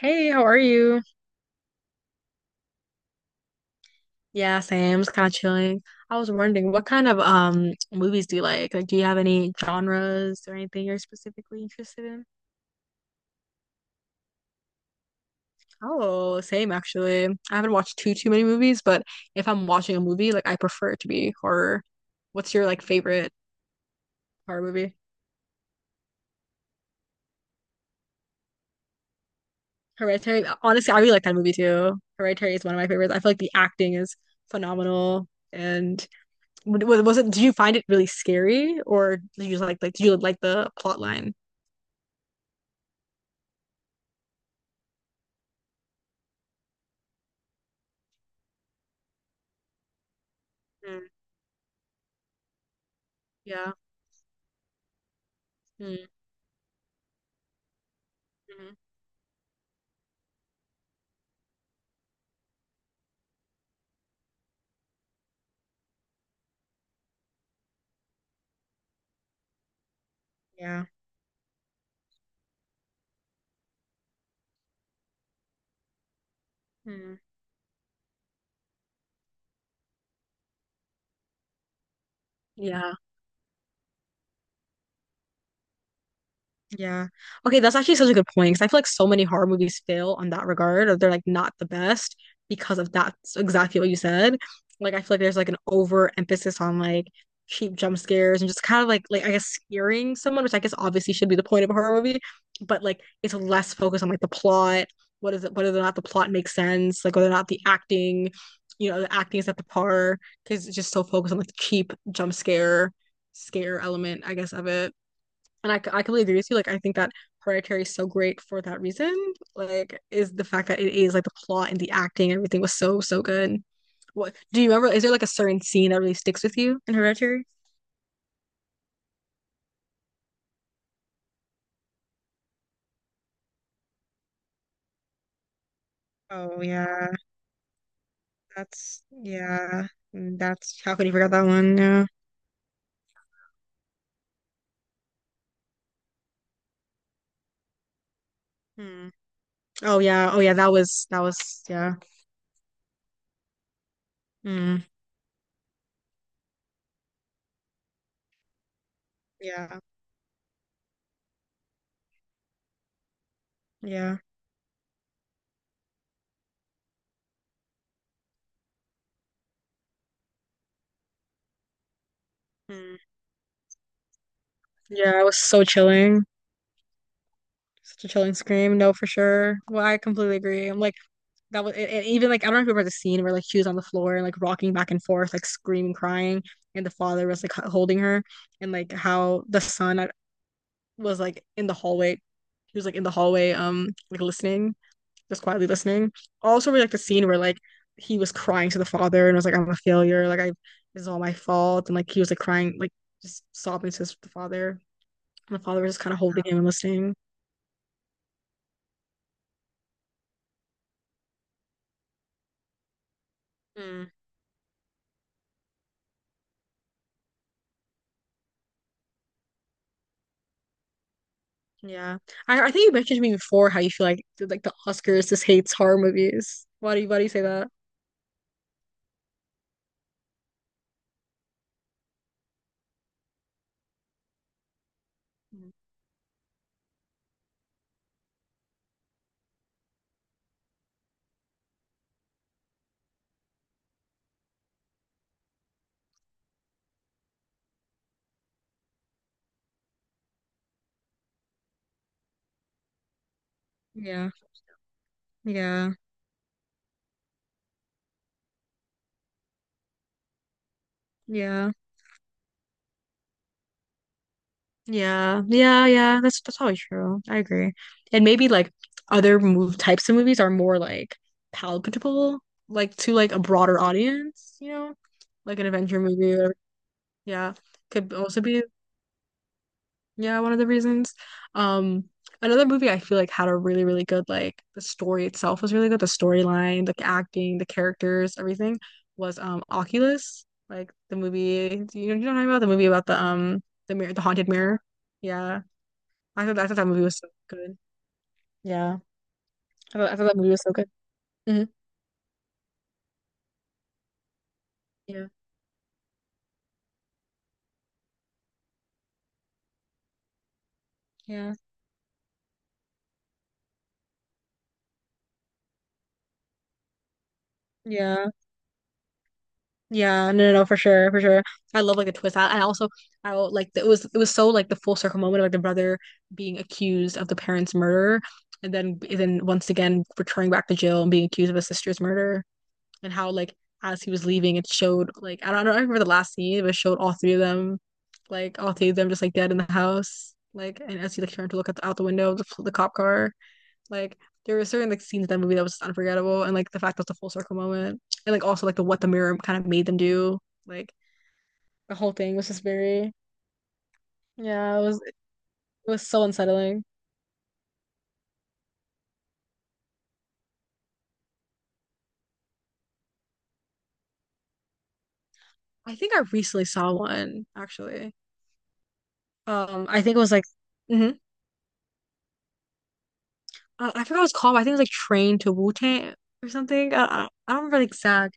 Hey, how are you? Yeah, same. Just kind of chilling. I was wondering, what kind of movies do you like? Like, do you have any genres or anything you're specifically interested in? Oh, same actually. I haven't watched too many movies, but if I'm watching a movie, like I prefer it to be horror. What's your like favorite horror movie? Hereditary. Honestly, I really like that movie too. Hereditary is one of my favorites. I feel like the acting is phenomenal. And was it? Did you find it really scary, or did you just like did you like the plot line? Yeah. Mm-hmm. Yeah. Mm-hmm. Yeah. Yeah. Okay, that's actually such a good point because I feel like so many horror movies fail on that regard, or they're like not the best because of that's exactly what you said. Like I feel like there's like an overemphasis on like cheap jump scares and just kind of like I guess scaring someone, which I guess obviously should be the point of a horror movie, but like it's less focused on like the plot, what is it, whether or not the plot makes sense, like whether or not the acting, the acting is at the par because it's just so focused on like the cheap jump scare element, I guess, of it. And I completely agree with you. Like, I think that Hereditary is so great for that reason. Like, is the fact that it is like the plot and the acting, everything was so, so good. What do you remember? Is there like a certain scene that really sticks with you in Hereditary? Oh yeah, that's yeah, that's how could you forget that one? Yeah. Hmm. Oh yeah. Oh yeah. That was yeah. Mm. Yeah, yeah. Mm. Yeah, it was so chilling. Such a chilling scream. No, for sure. Well, I completely agree. I'm like. That was and even like I don't know if you remember the scene where like she was on the floor and like rocking back and forth, like screaming, crying, and the father was like holding her, and like how the son was like in the hallway, he was like in the hallway, like listening, just quietly listening. Also, we like the scene where like he was crying to the father and was like, "I'm a failure, like I this is all my fault," and like he was like crying, like just sobbing to his, the father, and the father was just kind of holding him and listening. Mm. Yeah. I think you mentioned to me before how you feel like like the Oscars just hates horror movies. Why do you say that? Mm. Yeah. Yeah. Yeah. Yeah. Yeah. Yeah. That's probably true. I agree. And maybe like other move types of movies are more like palatable, like to like a broader audience, you know? Like an adventure movie or yeah. Could also be Yeah, one of the reasons. Um, Another movie I feel like had a really, really good like the story itself was really good. The storyline, the acting, the characters, everything was Oculus, like the movie. You know what I'm talking about? The movie about the mirror, the haunted mirror. Yeah, I thought that movie was so good. Yeah, I thought that movie was so good. hmm Yeah, yeah, yeah. Yeah, no, no, no, for sure, for sure. I love like a twist. And also, like it was so like the full circle moment of like the brother being accused of the parents' murder, and then once again returning back to jail and being accused of his sister's murder, and how like as he was leaving, it showed like I don't remember the last scene, but it showed all three of them, just like dead in the house, like and as he like turned to look at the, out the window of the cop car. Like there were certain like scenes in that movie that was just unforgettable, and like the fact that it's a full circle moment, and like also like the what the mirror kind of made them do, like the whole thing was just very yeah, it was so unsettling. I think I recently saw one actually. I think it was like hmm I forgot what it's called. But I think it was like Train to Wu-Tang or something. I don't remember the exact.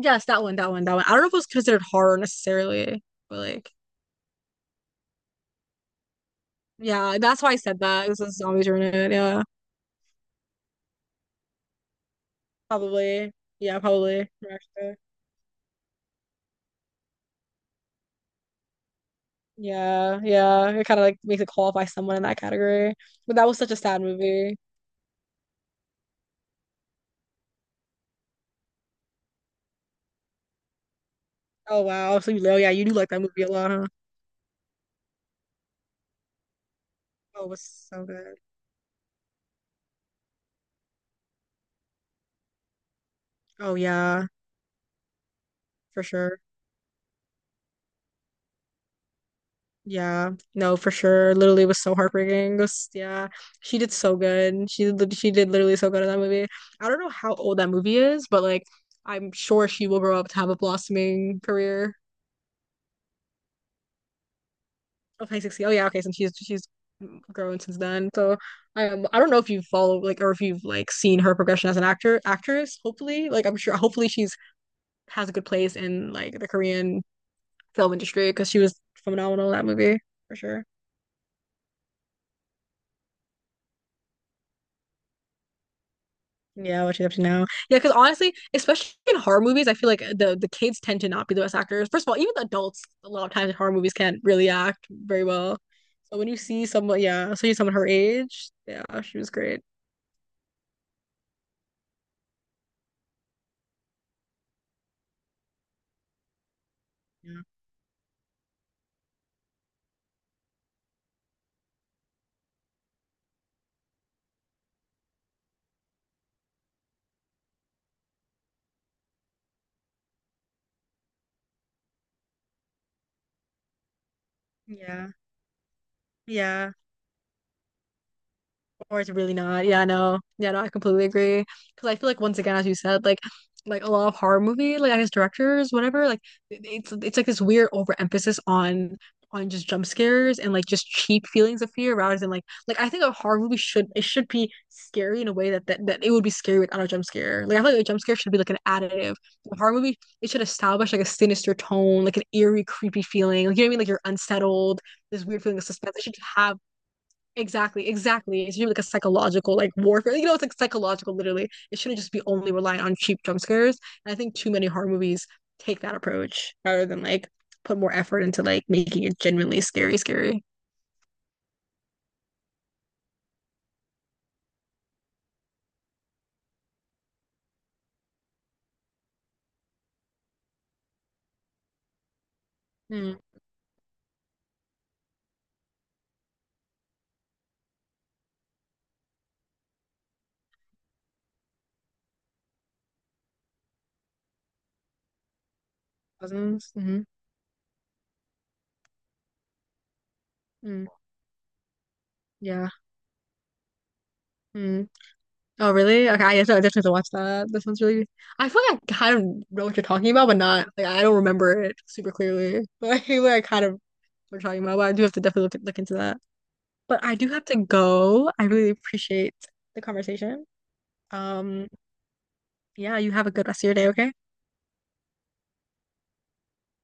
Yes, that one, that one, that one. I don't know if it was considered horror necessarily, but like yeah, that's why I said that. It was a zombies were in it. Yeah, probably. Yeah, probably. Actually. Yeah, yeah. It kind of like makes it qualify someone in that category. But that was such a sad movie. Oh wow. So yeah, you do like that movie a lot, huh? Oh, it was so good. Oh yeah, for sure. Yeah. No, for sure. Literally it was so heartbreaking. Yeah. She did so good. She did literally so good in that movie. I don't know how old that movie is, but like I'm sure she will grow up to have a blossoming career. Oh, High 60. Oh yeah, okay. Since she's grown since then. So I don't know if you've followed like or if you've like seen her progression as an actor actress. Hopefully, like I'm sure hopefully she's has a good place in like the Korean film industry because she was phenomenal in that movie for sure. Yeah, what she's up to now. Yeah, because honestly, especially in horror movies, I feel like the kids tend to not be the best actors. First of all, even the adults a lot of times in horror movies can't really act very well. So when you see someone, yeah, so you see someone her age, yeah, she was great. Yeah. Yeah. Yeah. Or it's really not. Yeah, no. Yeah, no, I completely agree. Because I feel like once again, as you said, like a lot of horror movie, like I guess directors, whatever, like it's like this weird overemphasis on just jump scares and like just cheap feelings of fear rather than like I think a horror movie should it should be scary in a way that it would be scary without a jump scare. Like I feel like a jump scare should be like an additive. A horror movie, it should establish like a sinister tone, like an eerie, creepy feeling. Like you know what I mean? Like you're unsettled, this weird feeling of suspense. It should have Exactly, exactly. It should be like a psychological like warfare. You know, it's like psychological literally. It shouldn't just be only relying on cheap jump scares. And I think too many horror movies take that approach rather than like put more effort into like making it genuinely scary, scary. Mm. Cousins. Hmm. Mm. Yeah. Mm. Oh, really? Okay, I guess I definitely have to watch that. That sounds really I feel like I kind of know what you're talking about, but not like I don't remember it super clearly. But I feel like I kind of know what you're talking about, but I do have to definitely look into that. But I do have to go. I really appreciate the conversation. Um, yeah, you have a good rest of your day, okay?